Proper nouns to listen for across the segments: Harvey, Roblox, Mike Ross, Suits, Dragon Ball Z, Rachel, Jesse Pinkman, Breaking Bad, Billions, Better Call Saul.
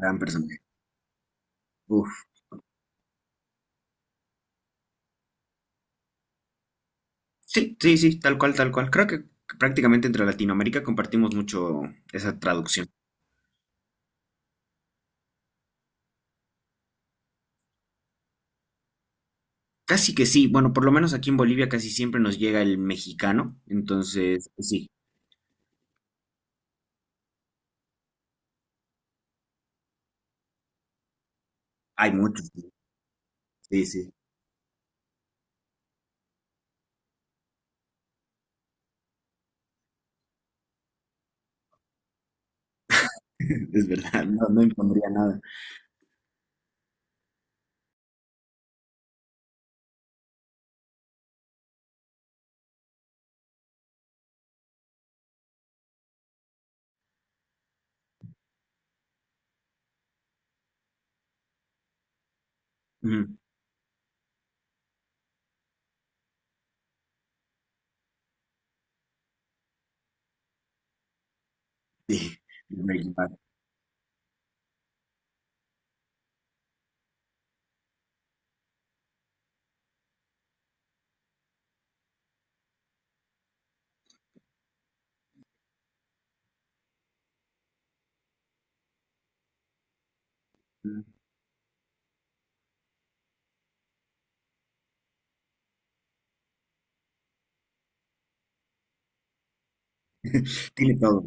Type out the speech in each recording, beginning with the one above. Gran personaje. Uf. Sí, sí, sí, tal cual, tal cual. Creo que prácticamente entre Latinoamérica compartimos mucho esa traducción. Casi que sí, bueno, por lo menos aquí en Bolivia casi siempre nos llega el mexicano, entonces pues sí, hay muchos. Sí, sí, es verdad, no, no impondría nada. Ujú. Sí, el Breaking Bad. Ujú. Tiene todo.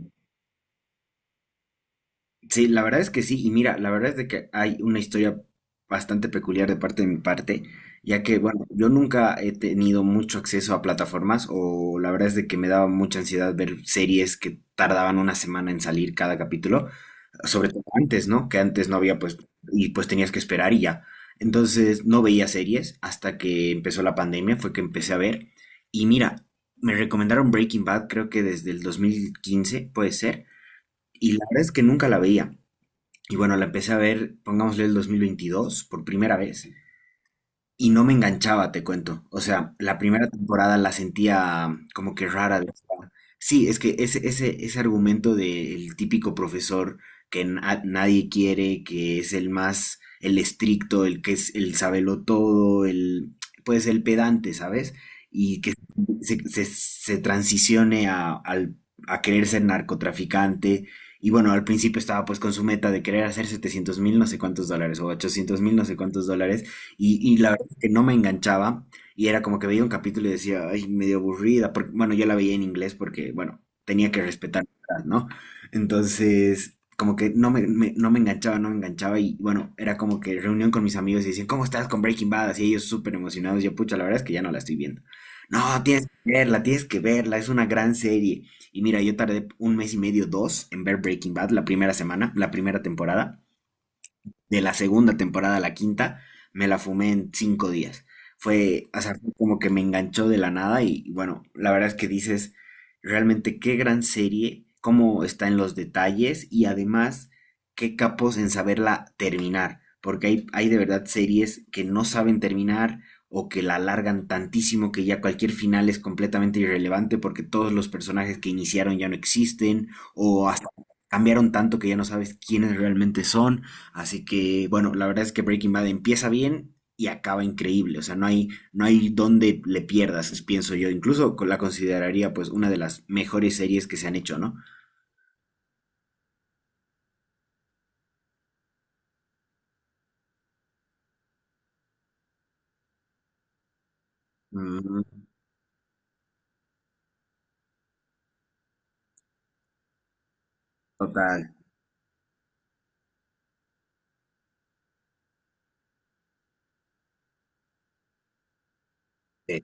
Sí, la verdad es que sí, y mira, la verdad es de que hay una historia bastante peculiar de parte de mi parte, ya que, bueno, yo nunca he tenido mucho acceso a plataformas, o la verdad es de que me daba mucha ansiedad ver series que tardaban una semana en salir cada capítulo, sobre todo antes, ¿no? Que antes no había, pues, y pues tenías que esperar y ya. Entonces no veía series hasta que empezó la pandemia, fue que empecé a ver, y mira, me recomendaron Breaking Bad, creo que desde el 2015, puede ser, y la verdad es que nunca la veía. Y bueno, la empecé a ver, pongámosle el 2022, por primera vez. ¿Eh? Y no me enganchaba, te cuento. O sea, la primera temporada la sentía como que rara. Decía, sí, es que ese argumento del típico profesor que nadie quiere, que es el más, el estricto, el que es el sabelo todo, el, pues el pedante, ¿sabes? Y que se transicione a querer ser narcotraficante. Y bueno, al principio estaba pues con su meta de querer hacer 700 mil no sé cuántos dólares o 800 mil no sé cuántos dólares. Y la que no me enganchaba y era como que veía un capítulo y decía, ay, medio aburrida, porque, bueno, yo la veía en inglés porque, bueno, tenía que respetar, ¿no? Entonces, como que no no me enganchaba, no me enganchaba y, bueno, era como que reunión con mis amigos y decían, ¿cómo estás con Breaking Bad? Así ellos súper emocionados, yo, pucha, la verdad es que ya no la estoy viendo. No, tienes que verla, es una gran serie. Y mira, yo tardé un mes y medio, dos, en ver Breaking Bad, la primera semana, la primera temporada de la segunda temporada a la quinta, me la fumé en cinco días. Fue, o sea, fue como que me enganchó de la nada y bueno, la verdad es que dices, realmente qué gran serie, cómo está en los detalles y además qué capos en saberla terminar, porque hay de verdad series que no saben terminar o que la alargan tantísimo que ya cualquier final es completamente irrelevante porque todos los personajes que iniciaron ya no existen o hasta cambiaron tanto que ya no sabes quiénes realmente son. Así que, bueno, la verdad es que Breaking Bad empieza bien y acaba increíble. O sea, no hay donde le pierdas, pienso yo. Incluso la consideraría pues una de las mejores series que se han hecho, ¿no? Mm, total. Eh,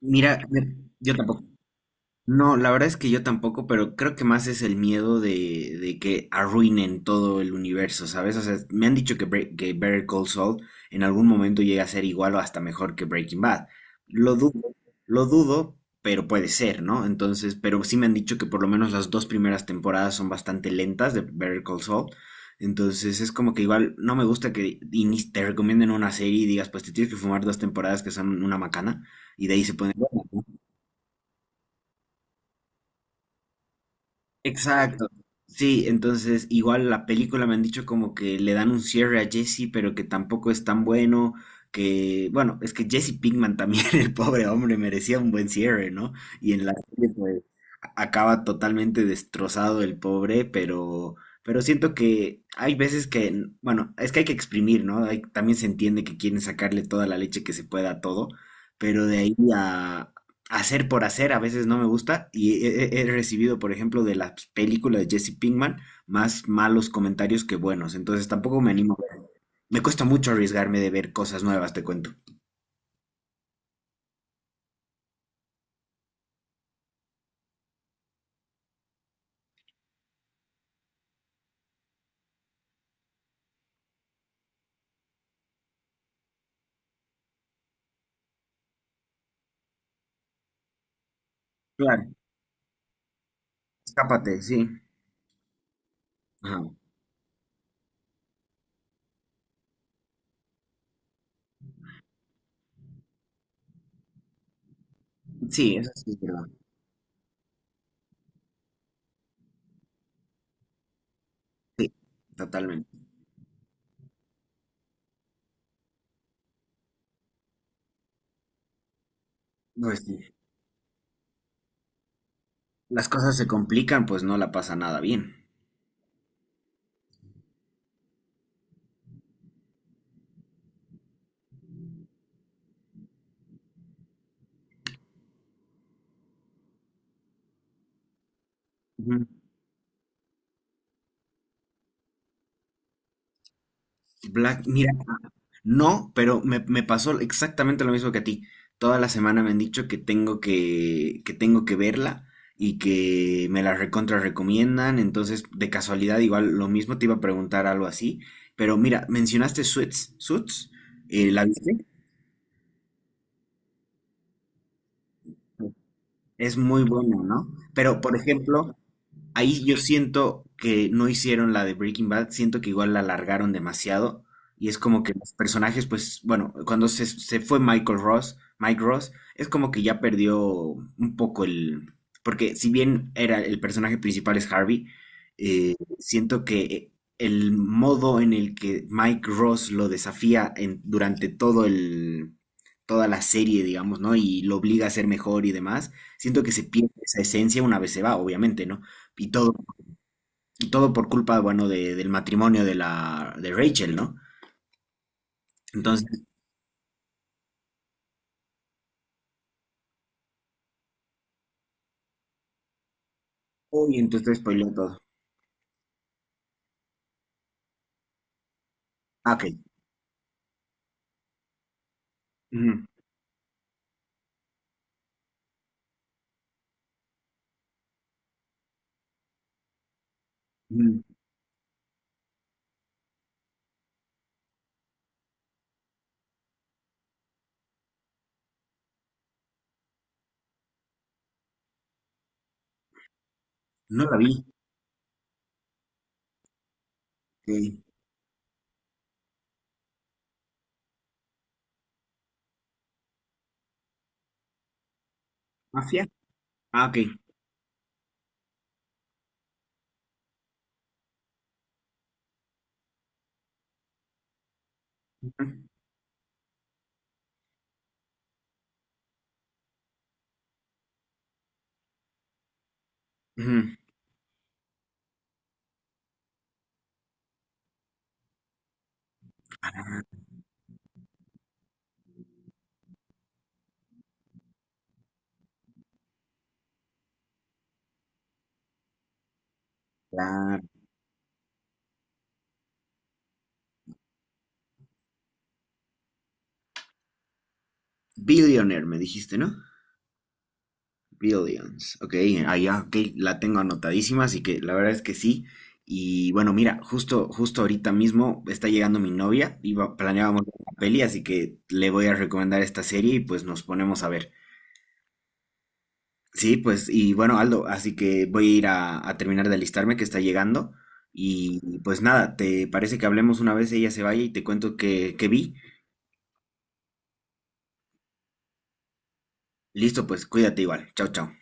Mira, yo tampoco. No, la verdad es que yo tampoco, pero creo que más es el miedo de que arruinen todo el universo, ¿sabes? O sea, me han dicho que, que Better Call Saul en algún momento llega a ser igual o hasta mejor que Breaking Bad. Lo dudo, lo dudo, pero puede ser, ¿no? Entonces, pero sí me han dicho que por lo menos las dos primeras temporadas son bastante lentas de Better Call Saul. Entonces es como que igual no me gusta que te recomienden una serie y digas, pues te tienes que fumar dos temporadas que son una macana y de ahí se pueden. Exacto. Sí, entonces igual la película me han dicho como que le dan un cierre a Jesse, pero que tampoco es tan bueno, que bueno, es que Jesse Pinkman también, el pobre hombre, merecía un buen cierre, ¿no? Y en la serie, pues, acaba totalmente destrozado el pobre, pero siento que hay veces que, bueno, es que hay que exprimir, ¿no? También se entiende que quieren sacarle toda la leche que se pueda a todo, pero de ahí a hacer por hacer a veces no me gusta y he, he recibido, por ejemplo, de las películas de Jesse Pinkman más malos comentarios que buenos, entonces tampoco me animo a ver. Me cuesta mucho arriesgarme de ver cosas nuevas, te cuento. Claro, escápate, sí. Ajá. Sí, eso sí es verdad. Sí, totalmente. Pues sí. Las cosas se complican, pues no la pasa nada bien. Ujú. Black, mira, no, pero me pasó exactamente lo mismo que a ti. Toda la semana me han dicho que tengo que verla y que me la recontra recomiendan. Entonces, de casualidad, igual lo mismo te iba a preguntar algo así. Pero mira, mencionaste Suits. Suits, ¿la viste? Es muy buena, ¿no? Pero, por ejemplo, ahí yo siento que no hicieron la de Breaking Bad, siento que igual la alargaron demasiado y es como que los personajes, pues bueno, cuando se fue Michael Ross, Mike Ross, es como que ya perdió un poco el... Porque si bien era el personaje principal es Harvey, siento que el modo en el que Mike Ross lo desafía durante todo el, toda la serie, digamos, ¿no? Y lo obliga a ser mejor y demás, siento que se pierde esa esencia una vez se va, obviamente, ¿no? Y todo, y todo por culpa, bueno, del matrimonio de la de Rachel, ¿no? Entonces, uy, entonces te spoileo todo. Ah, ok. Ujú, ujú. No la vi. Ok. ¿Mafia? Ah, ok. Ujú, ujú. Claro. Billionaire, me dijiste, ¿no? Billions. Ok, ah, ya, ok, la tengo anotadísima, así que la verdad es que sí. Y bueno, mira, justo, justo ahorita mismo está llegando mi novia, iba, planeábamos ver una peli, así que le voy a recomendar esta serie y pues nos ponemos a ver. Sí, pues, y bueno, Aldo, así que voy a ir a terminar de alistarme que está llegando. Y pues nada, ¿te parece que hablemos una vez ella se vaya y te cuento que vi? Listo, pues cuídate igual. Chao, chao.